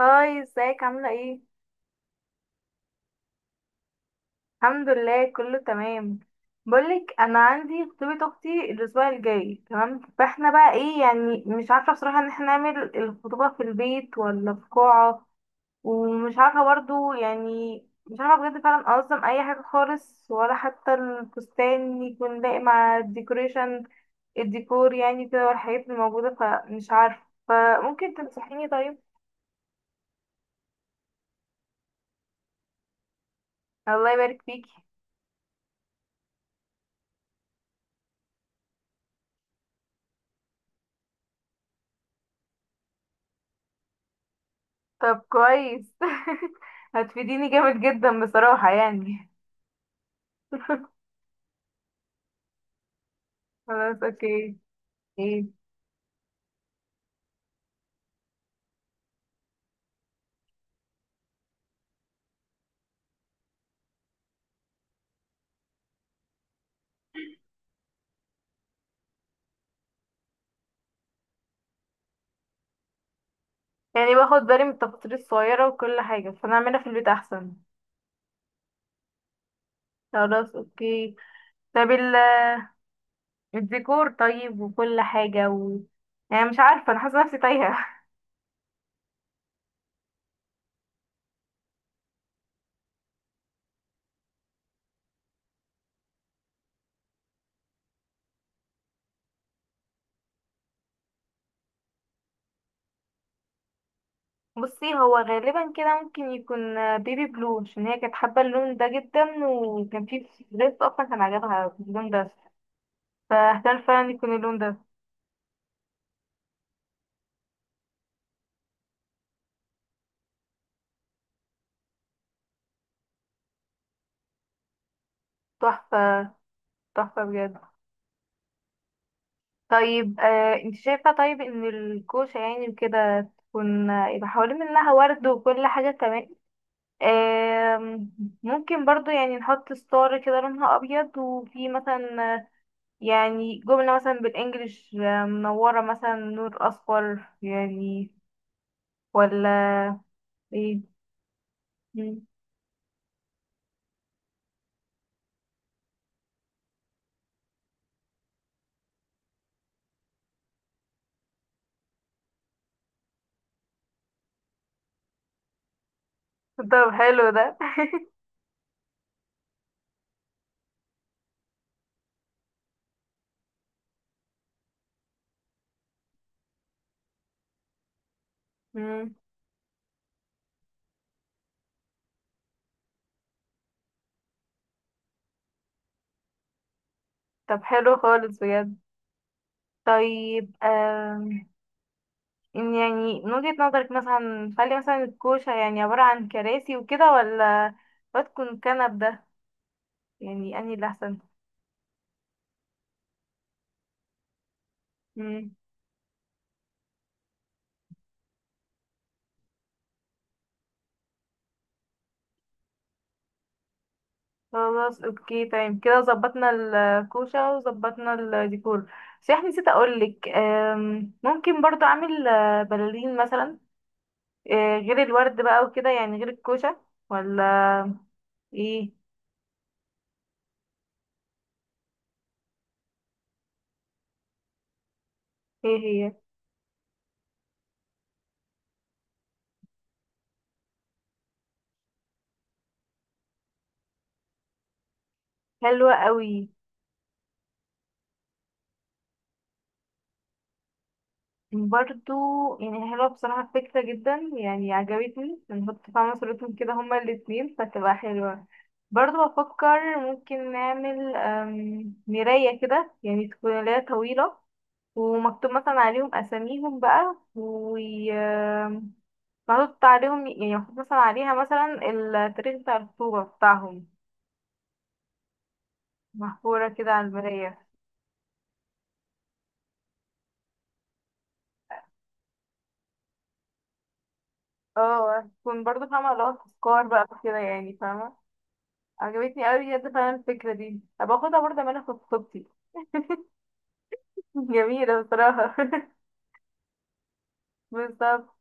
هاي، ازيك؟ عاملة ايه؟ الحمد لله، كله تمام. بقولك انا عندي خطوبة اختي الاسبوع الجاي تمام، فاحنا بقى ايه؟ يعني مش عارفة بصراحة ان احنا نعمل الخطوبة في البيت ولا في قاعة. ومش عارفة برضو يعني. مش عارفة بجد فعلا انظم اي حاجة خالص، ولا حتى الفستان يكون لاقي مع الديكوريشن الديكور يعني كده، والحاجات الموجودة فمش عارفة. فممكن تنصحيني؟ طيب. الله يبارك فيكي. طب كويس. هتفيديني جامد جدا بصراحة يعني. خلاص، اوكي. ايه. يعني باخد بالي من التفاصيل الصغيرة وكل حاجة، فانا اعملها في البيت احسن. خلاص، اوكي. طب ال- الديكور طيب وكل حاجة يعني مش عارفة، انا حاسة نفسي تايهة. بصي، هو غالبا كده ممكن يكون بيبي بلو، عشان هي كانت حابة اللون ده جدا، وكان في دريس اصلا كان عجبها اللون ده. فاحتمال فعلا يكون اللون ده. تحفة. تحفة بجد. طيب، انت شايفة؟ طيب، ان الكوشة يعني وكده تكون يبقى حوالين منها ورد وكل حاجة تمام. آم، ممكن برضو يعني نحط ستار كده لونها ابيض، وفي مثلا يعني جملة مثلا بالانجلش منورة مثلا نور اصفر يعني، ولا ايه؟ مم. طب حلو ده. مم. طب حلو خالص بجد. طيب، إن يعني من وجهة نظرك، مثلا خلي مثلا الكوشة يعني عبارة عن كراسي وكده، ولا بتكون كنب ده؟ يعني أنهي اللي أحسن؟ مم. خلاص، اوكي تمام، كده ظبطنا الكوشة وظبطنا الديكور. بس احنا نسيت اقولك، ممكن برضو اعمل بلالين مثلا، غير الورد بقى وكده، يعني غير الكوشة، ولا ايه؟ ايه هي؟ حلوة قوي. برضو، يعني حلوة بصراحة الفكرة جدا، يعني عجبتني نحط فيها صورتهم كده هما الاتنين، فتبقى حلوة. برضو بفكر ممكن نعمل مراية كده، يعني تكون اللي هي طويلة، ومكتوب مثلا عليهم أساميهم بقى، و أم، محطوط عليهم، يعني محطوط مثلا عليها مثلا التاريخ بتاع الخطوبة بتاعهم، محفورة كده على المراية. اه، تكون برضو فاهمة اللي هو تذكار بقى كده، يعني فاهمة. عجبتني قوي بجد فعلا الفكرة دي، هبقى اخدها برضه اعملها في خطوبتي. جميلة بصراحة. بالظبط.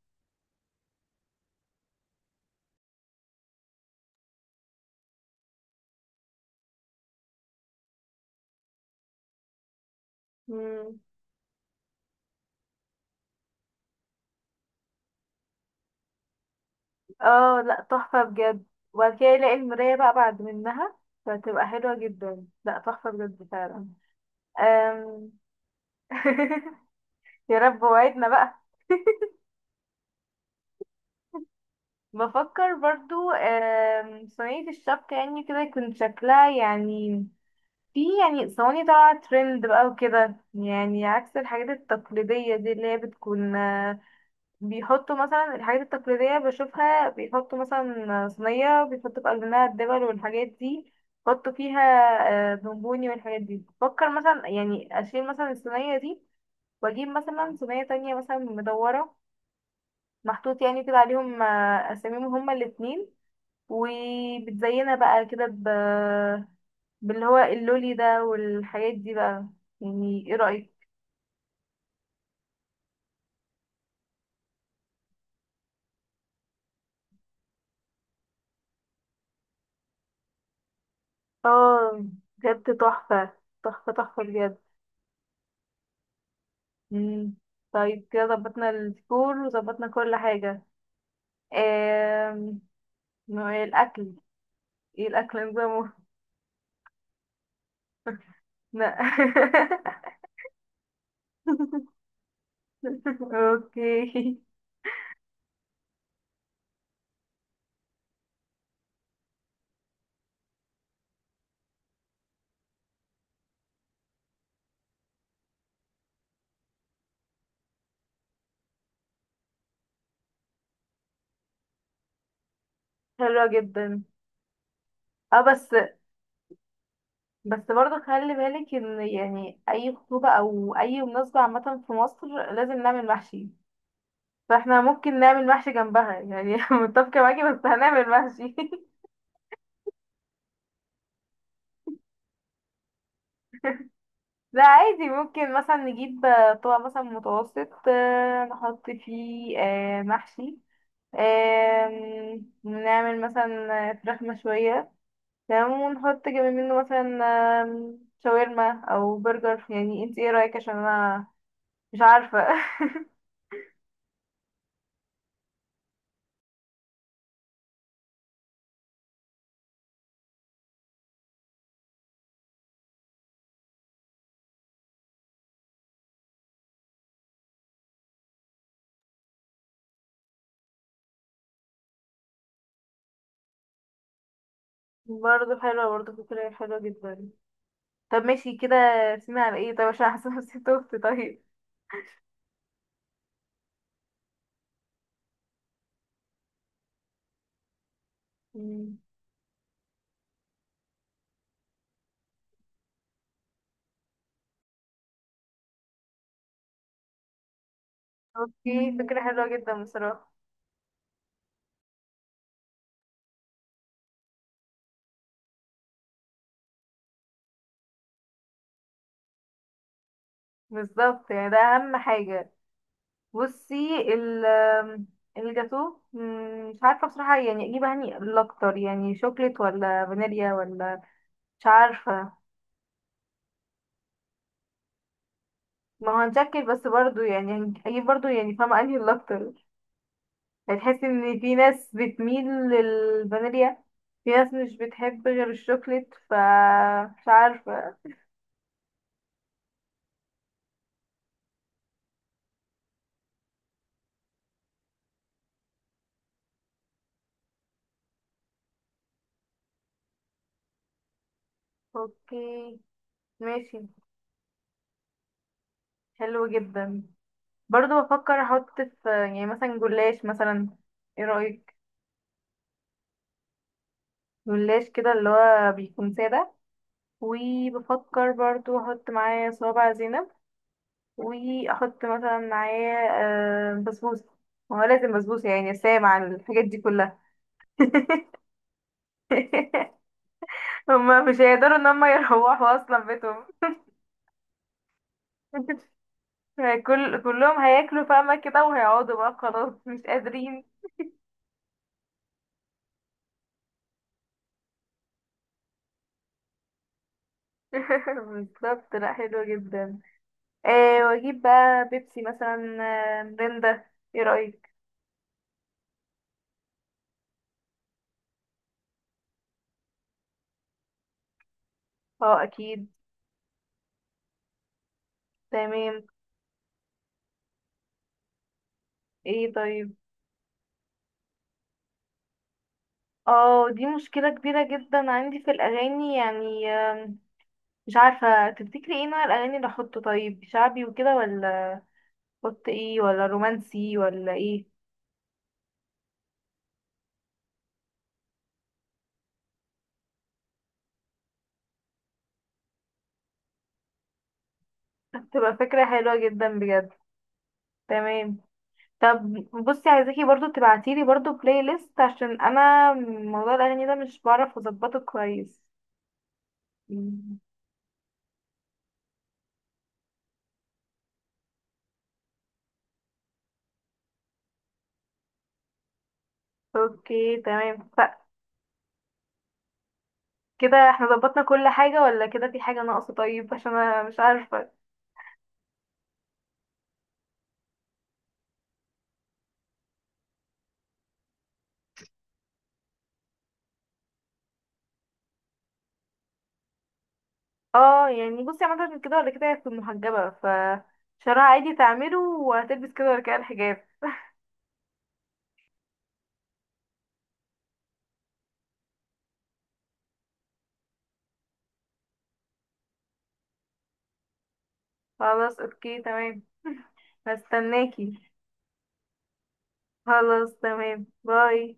مم. اه لا، تحفة بجد. وبعد كده يلاقي المراية بقى بعد منها، فتبقى حلوة جدا، لا تحفة بجد فعلا. أم... يا رب، وعدنا بقى. بفكر برضو صينية الشبكة، يعني كده يكون شكلها، يعني في يعني صواني طالعة ترند بقى وكده، يعني عكس الحاجات التقليدية دي، اللي هي بتكون بيحطوا مثلا الحاجات التقليدية بشوفها، بيحطوا مثلا صينية، بيحطوا في قلب منها الدبل والحاجات دي، بيحطوا فيها بونبوني والحاجات دي. بفكر مثلا يعني أشيل مثلا الصينية دي، وأجيب مثلا صينية تانية مثلا مدورة، محطوط يعني كده عليهم أساميهم هما الاتنين، وبتزينها بقى كده باللي هو اللولي ده والحاجات دي بقى. يعني ايه رأيك؟ اه بجد، تحفة. تحفة تحفة بجد. مم. طيب كده ظبطنا السكور وظبطنا كل حاجة. آم، نوع الأكل، ايه الأكل نظامه؟ لا. اوكي. حلوة جدا. اه بس برضه خلي بالك ان يعني اي خطوبة او اي مناسبة عامة في مصر لازم نعمل محشي. فاحنا ممكن نعمل محشي جنبها، يعني متفقة معاكي، بس هنعمل محشي. لا عادي، ممكن مثلا نجيب طبق مثلا متوسط، نحط فيه محشي، نعمل مثلا فراخ مشوية، تمام، ونحط جنب منه مثلا آم، شاورما أو برجر. يعني انت ايه رأيك؟ عشان انا مش عارفة. برضه حلوة، برضه فكرة حلوة جدا. طب ماشي كده، رسينا على ايه؟ طب عشان احسن نسيت اختي. طيب. مم. اوكي، فكرة حلوة جدا بصراحة. بالظبط، يعني ده أهم حاجة. بصي ال الجاتو، مش عارفة بصراحة يعني اجيب هني الاكتر، يعني شوكليت ولا فانيليا، ولا مش عارفة. ما هو هنشكل، بس برضو يعني اجيب برضو، يعني فاهمة انهي الاكتر؟ هتحسي ان في ناس بتميل للفانيليا، في ناس مش بتحب غير الشوكليت، ف مش عارفة. اوكي ماشي. حلو جدا. برضو بفكر احط في يعني مثلا جلاش مثلا، ايه رأيك؟ جلاش كده اللي هو بيكون سادة. وبفكر برضو احط معايا صوابع زينب، واحط مثلا معايا بسبوسة. ما هو لازم بسبوسة، يعني سامع الحاجات دي كلها. هما مش هيقدروا ان هما يروحوا اصلا بيتهم. كلهم هياكلوا فاهمة كده، وهيقعدوا بقى خلاص مش قادرين. بالظبط، لا حلوة جدا. آه، واجيب بقى بيبسي مثلا، مريندا. ايه رأيك؟ اه اكيد. تمام. ايه طيب. اه دي مشكلة كبيرة جدا عندي في الأغاني، يعني مش عارفة تفتكري ايه نوع الأغاني اللي أحطه؟ طيب شعبي وكده، ولا أحط ايه؟ ولا رومانسي، ولا ايه؟ هتبقى فكرة حلوة جدا بجد. تمام. طب بصي، عايزاكي برضو تبعتيلي برضو بلاي ليست، عشان أنا موضوع الأغاني ده مش بعرف أظبطه كويس. مم. اوكي تمام كده احنا ظبطنا كل حاجة، ولا كده في حاجة ناقصة؟ طيب عشان أنا مش عارفة. اه يعني بصي، عملت كده ولا كده؟ هتكون محجبة، ف شعرها عادي تعمله، وهتلبس كده ولا كده الحجاب؟ خلاص اوكي تمام. هستناكي. خلاص تمام، باي.